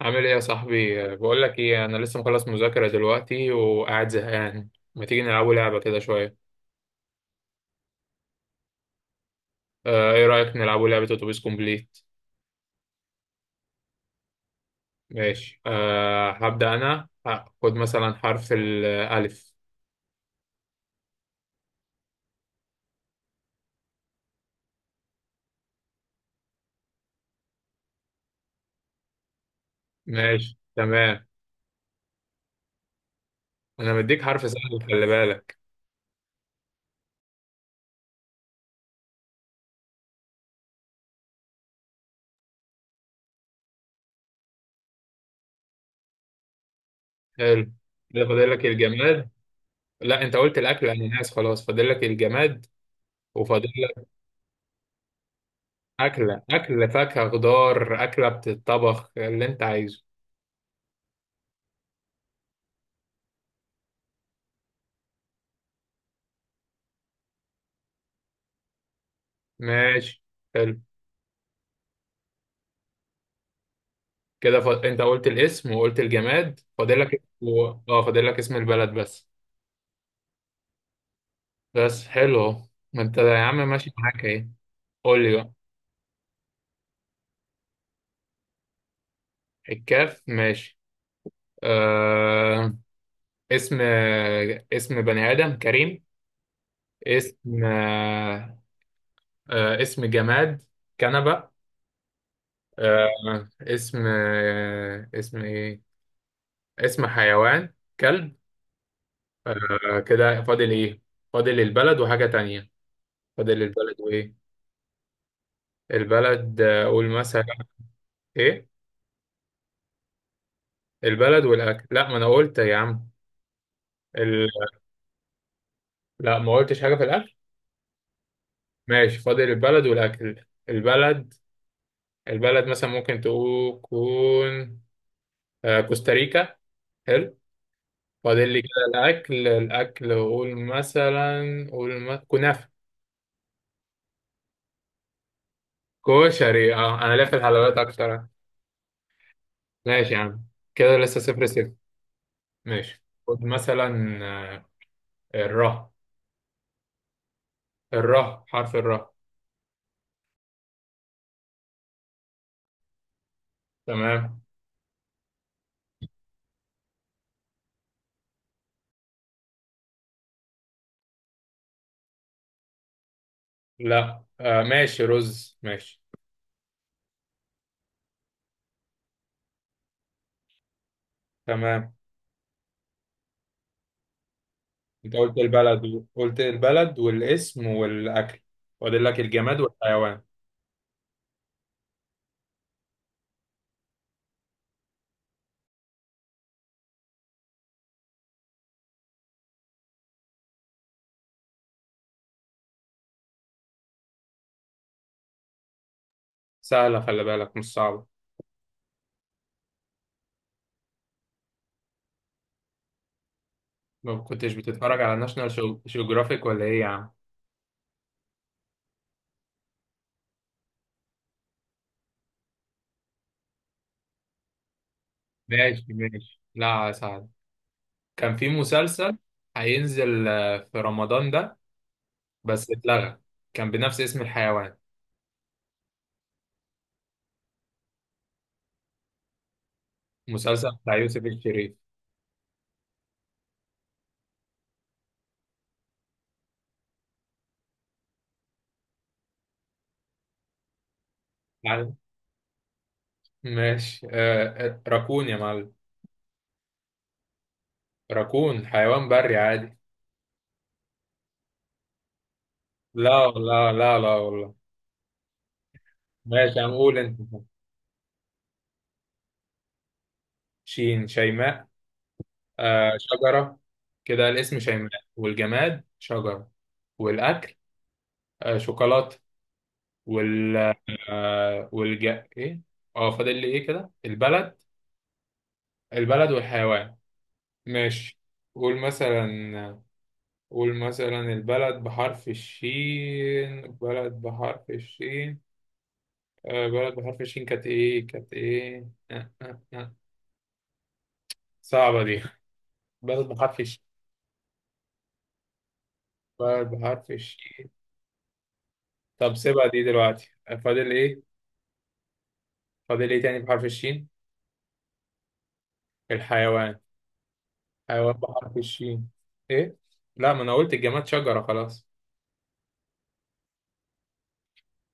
عامل ايه يا صاحبي؟ بقول لك ايه، انا لسه مخلص مذاكره دلوقتي وقاعد زهقان. ما تيجي نلعبوا لعبه كده شويه؟ ايه رايك نلعبوا لعبه اتوبيس كومبليت؟ ماشي، هبدا انا، خد مثلا حرف الالف. ماشي تمام. انا مديك حرف سهل، خلي بالك. حلو. كده فاضل لك الجماد. لا، انت قلت الاكل، انا ناس، خلاص فاضل لك الجماد. وفاضل لك اكله. اكله فاكهه، خضار، اكله بتتطبخ اللي انت عايزه. ماشي. حلو. كده انت قلت الاسم وقلت الجماد، فاضل لك و... اه فاضل لك اسم البلد بس. بس حلو اهو. ما انت يا عم ماشي معاك اهي. قول لي بقى. الكاف ماشي. آه... اسم، اسم بني آدم: كريم. اسم اسم جماد: كنبة. آه... اسم اسم ايه، اسم حيوان: كلب. كده فاضل ايه؟ فاضل البلد وحاجة تانية. فاضل البلد وايه؟ البلد، قول مثلا. ايه؟ البلد والاكل. لا ما انا قلت يا عم. ال... لا ما قلتش حاجه في الاكل. ماشي، فاضل البلد والاكل. البلد، البلد مثلا ممكن تكون كوستاريكا. حلو. فاضل لي كده الاكل. الاكل قول مثلا، قول ما... كنافه. كشري؟ اه انا ليا في الحلويات اكتر. ماشي يا عم. كده لسه صفر صفر. ماشي، خد مثلا آه، الره. الره، حرف الره. تمام. لا ماشي، رز ماشي. تمام. انت قلت البلد، قلت البلد والاسم والاكل. فاضل لك الجماد والحيوان. سهله، خلي بالك، مش صعبه. ما كنتش بتتفرج على ناشونال جيوغرافيك ولا ايه يا عم؟ ماشي ماشي، لا سهل. كان في مسلسل هينزل، في رمضان ده، بس اتلغى. كان بنفس اسم الحيوان، مسلسل بتاع يوسف الشريف. عارف؟ ماشي. راكون يا معلم. راكون حيوان بري عادي. لا لا لا لا والله. ماشي هنقول انت. شين: شيماء. شجرة. كده الاسم شيماء، والجماد شجرة، والأكل شوكولاتة. وال آه والج إيه؟ أه، فاضل لي إيه كده؟ البلد. البلد والحيوان. ماشي. قول مثلا. قول مثلا، البلد بحرف الشين، بلد بحرف الشين. بلد بحرف الشين كانت إيه؟ كانت إيه؟ صعبة دي. بلد بحرف الشين. بلد بحرف الشين. طب سيبها دي دلوقتي، فاضل إيه؟ فاضل إيه تاني بحرف الشين؟ الحيوان. حيوان بحرف الشين. ايه؟ لا ما انا قلت الجماد شجرة خلاص.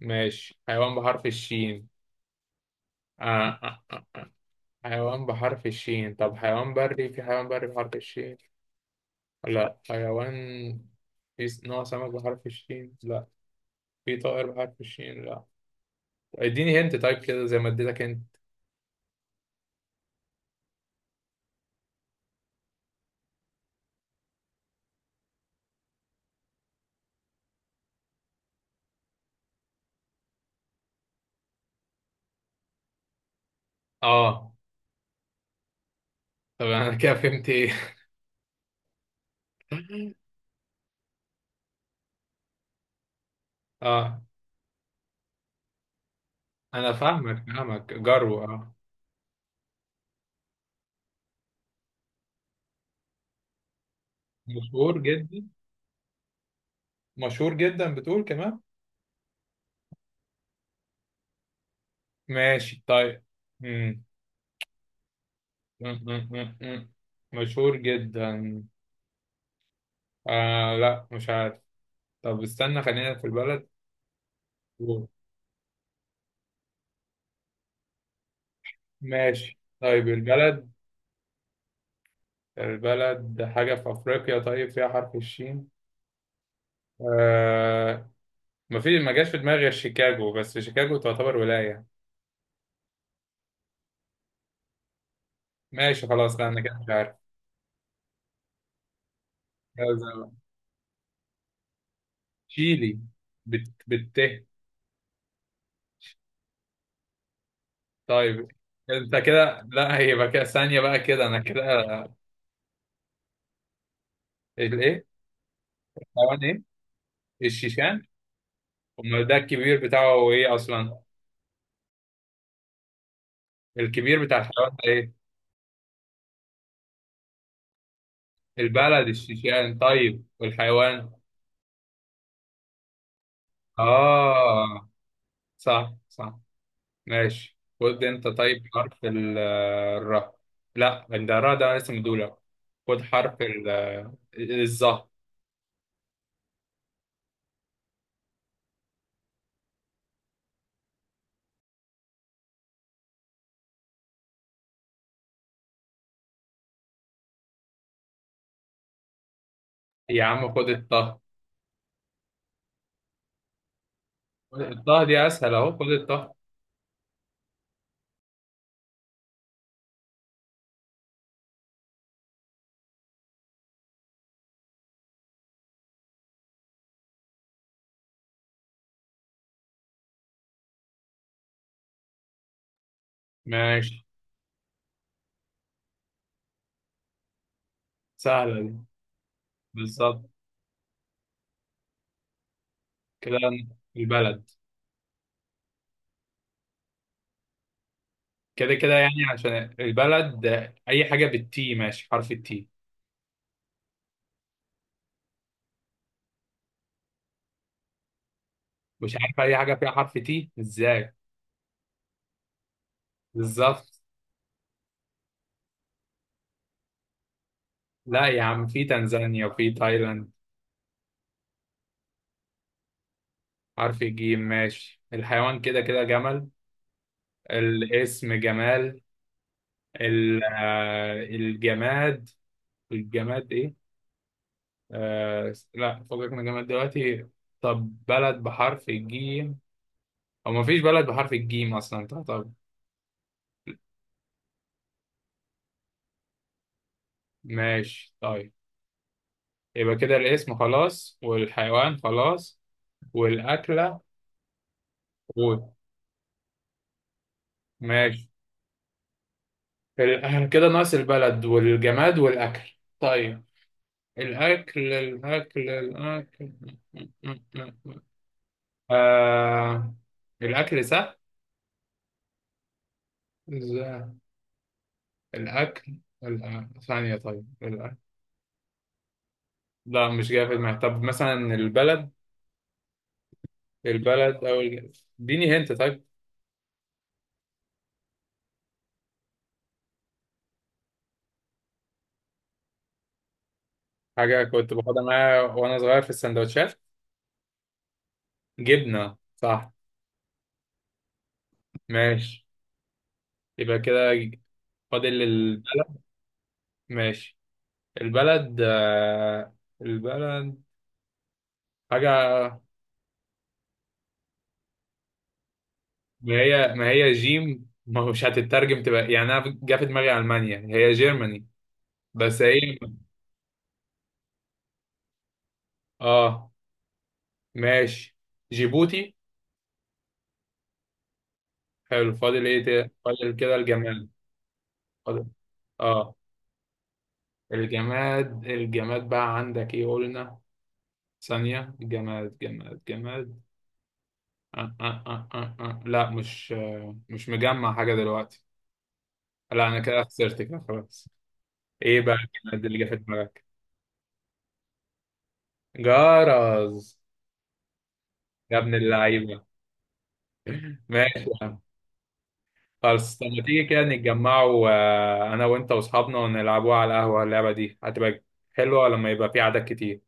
ماشي، حيوان بحرف الشين. آه آه آه. حيوان بحرف الشين. طب حيوان بري، في حيوان بري بحرف الشين؟ لا. حيوان، في نوع سمك بحرف الشين؟ لا. في طائر بحرف الشين؟ لا. اديني هنت طيب، كده زي ما اديتك هنت. اه. طب انا كده فهمت ايه؟ اه. انا فاهمك فاهمك، جرو. اه، مشهور جدا؟ مشهور جدا بتقول كمان؟ ماشي طيب. مم. مم. مم. مم. مم. مشهور جدا. لا مش عارف. طب استنى خلينا في البلد. ماشي طيب. البلد، البلد حاجة في أفريقيا طيب فيها حرف الشين. آه. ما في ما جاش في دماغي غير شيكاغو، بس شيكاغو تعتبر ولاية. ماشي خلاص، لا أنا كده مش عارف. لازم. تشيلي. بت بت. طيب. أنت كده، لا هيبقى كده، ثانية بقى، كده أنا كده. الإيه؟ حيوان إيه؟ الشيشان. امال ده الكبير بتاعه هو ايه اصلا؟ الكبير بتاع الحيوان ده ايه؟ البلد الشيشان طيب، والحيوان. اه صح صح. ماشي، خد انت طيب حرف الراء. لا ده الراء ده اسم دولة. خد حرف الظهر. يا عم خد الطه. الطه دي اسهل اهو، خد الطه. ماشي. سهلة دي. بالظبط. كده البلد. كده كده يعني عشان البلد. اي حاجة بالتي، ماشي حرف التي. مش عارف اي حاجه فيها حرف تي ازاي. بالظبط. لا يا عم، في تنزانيا وفي تايلاند. حرف الجيم ماشي. الحيوان كده كده جمل. الاسم جمال. الجماد. الجماد ايه؟ لا فوقك من الجماد دلوقتي. طب بلد بحرف الجيم. او مفيش بلد بحرف الجيم اصلا. طب طب ماشي طيب. يبقى كده الاسم خلاص، والحيوان خلاص، والاكله. قول. ماشي. احنا كده ناقص البلد والجماد والأكل. طيب. الأكل، الأكل، الأكل. آه الأكل سهل. إزاي؟ الأكل. ثانية طيب، الأكل. لا مش جاي في دماغي، طب مثلا البلد. البلد أو اديني هنت طيب. حاجة كنت باخدها معايا وأنا صغير في السندوتشات: جبنة صح. ماشي. يبقى كده فاضل البلد. ماشي. البلد، البلد. حاجة. ما هي ما هي جيم ما هو، مش هتترجم تبقى، يعني انا جه في دماغي المانيا هي جيرماني. بس ايه. اه. ماشي. جيبوتي. حلو. فاضل ايه فاضل كده الجماد. فاضل. اه، الجماد بقى عندك ايه قلنا؟ ثانية، جماد جماد جماد. لا مش، مش مجمع حاجة دلوقتي. لا انا كده خسرت كده خلاص. ايه بقى الجماد اللي جه في دماغك؟ جرز. يا ابن اللعيبة. ماشي يا عم. خلاص، طب ما تيجي كده نتجمعوا، انا وانت واصحابنا ونلعبوها على القهوة؟ اللعبة دي هتبقى حلوة لما يبقى في عدد كتير.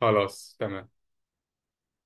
خلاص تمام.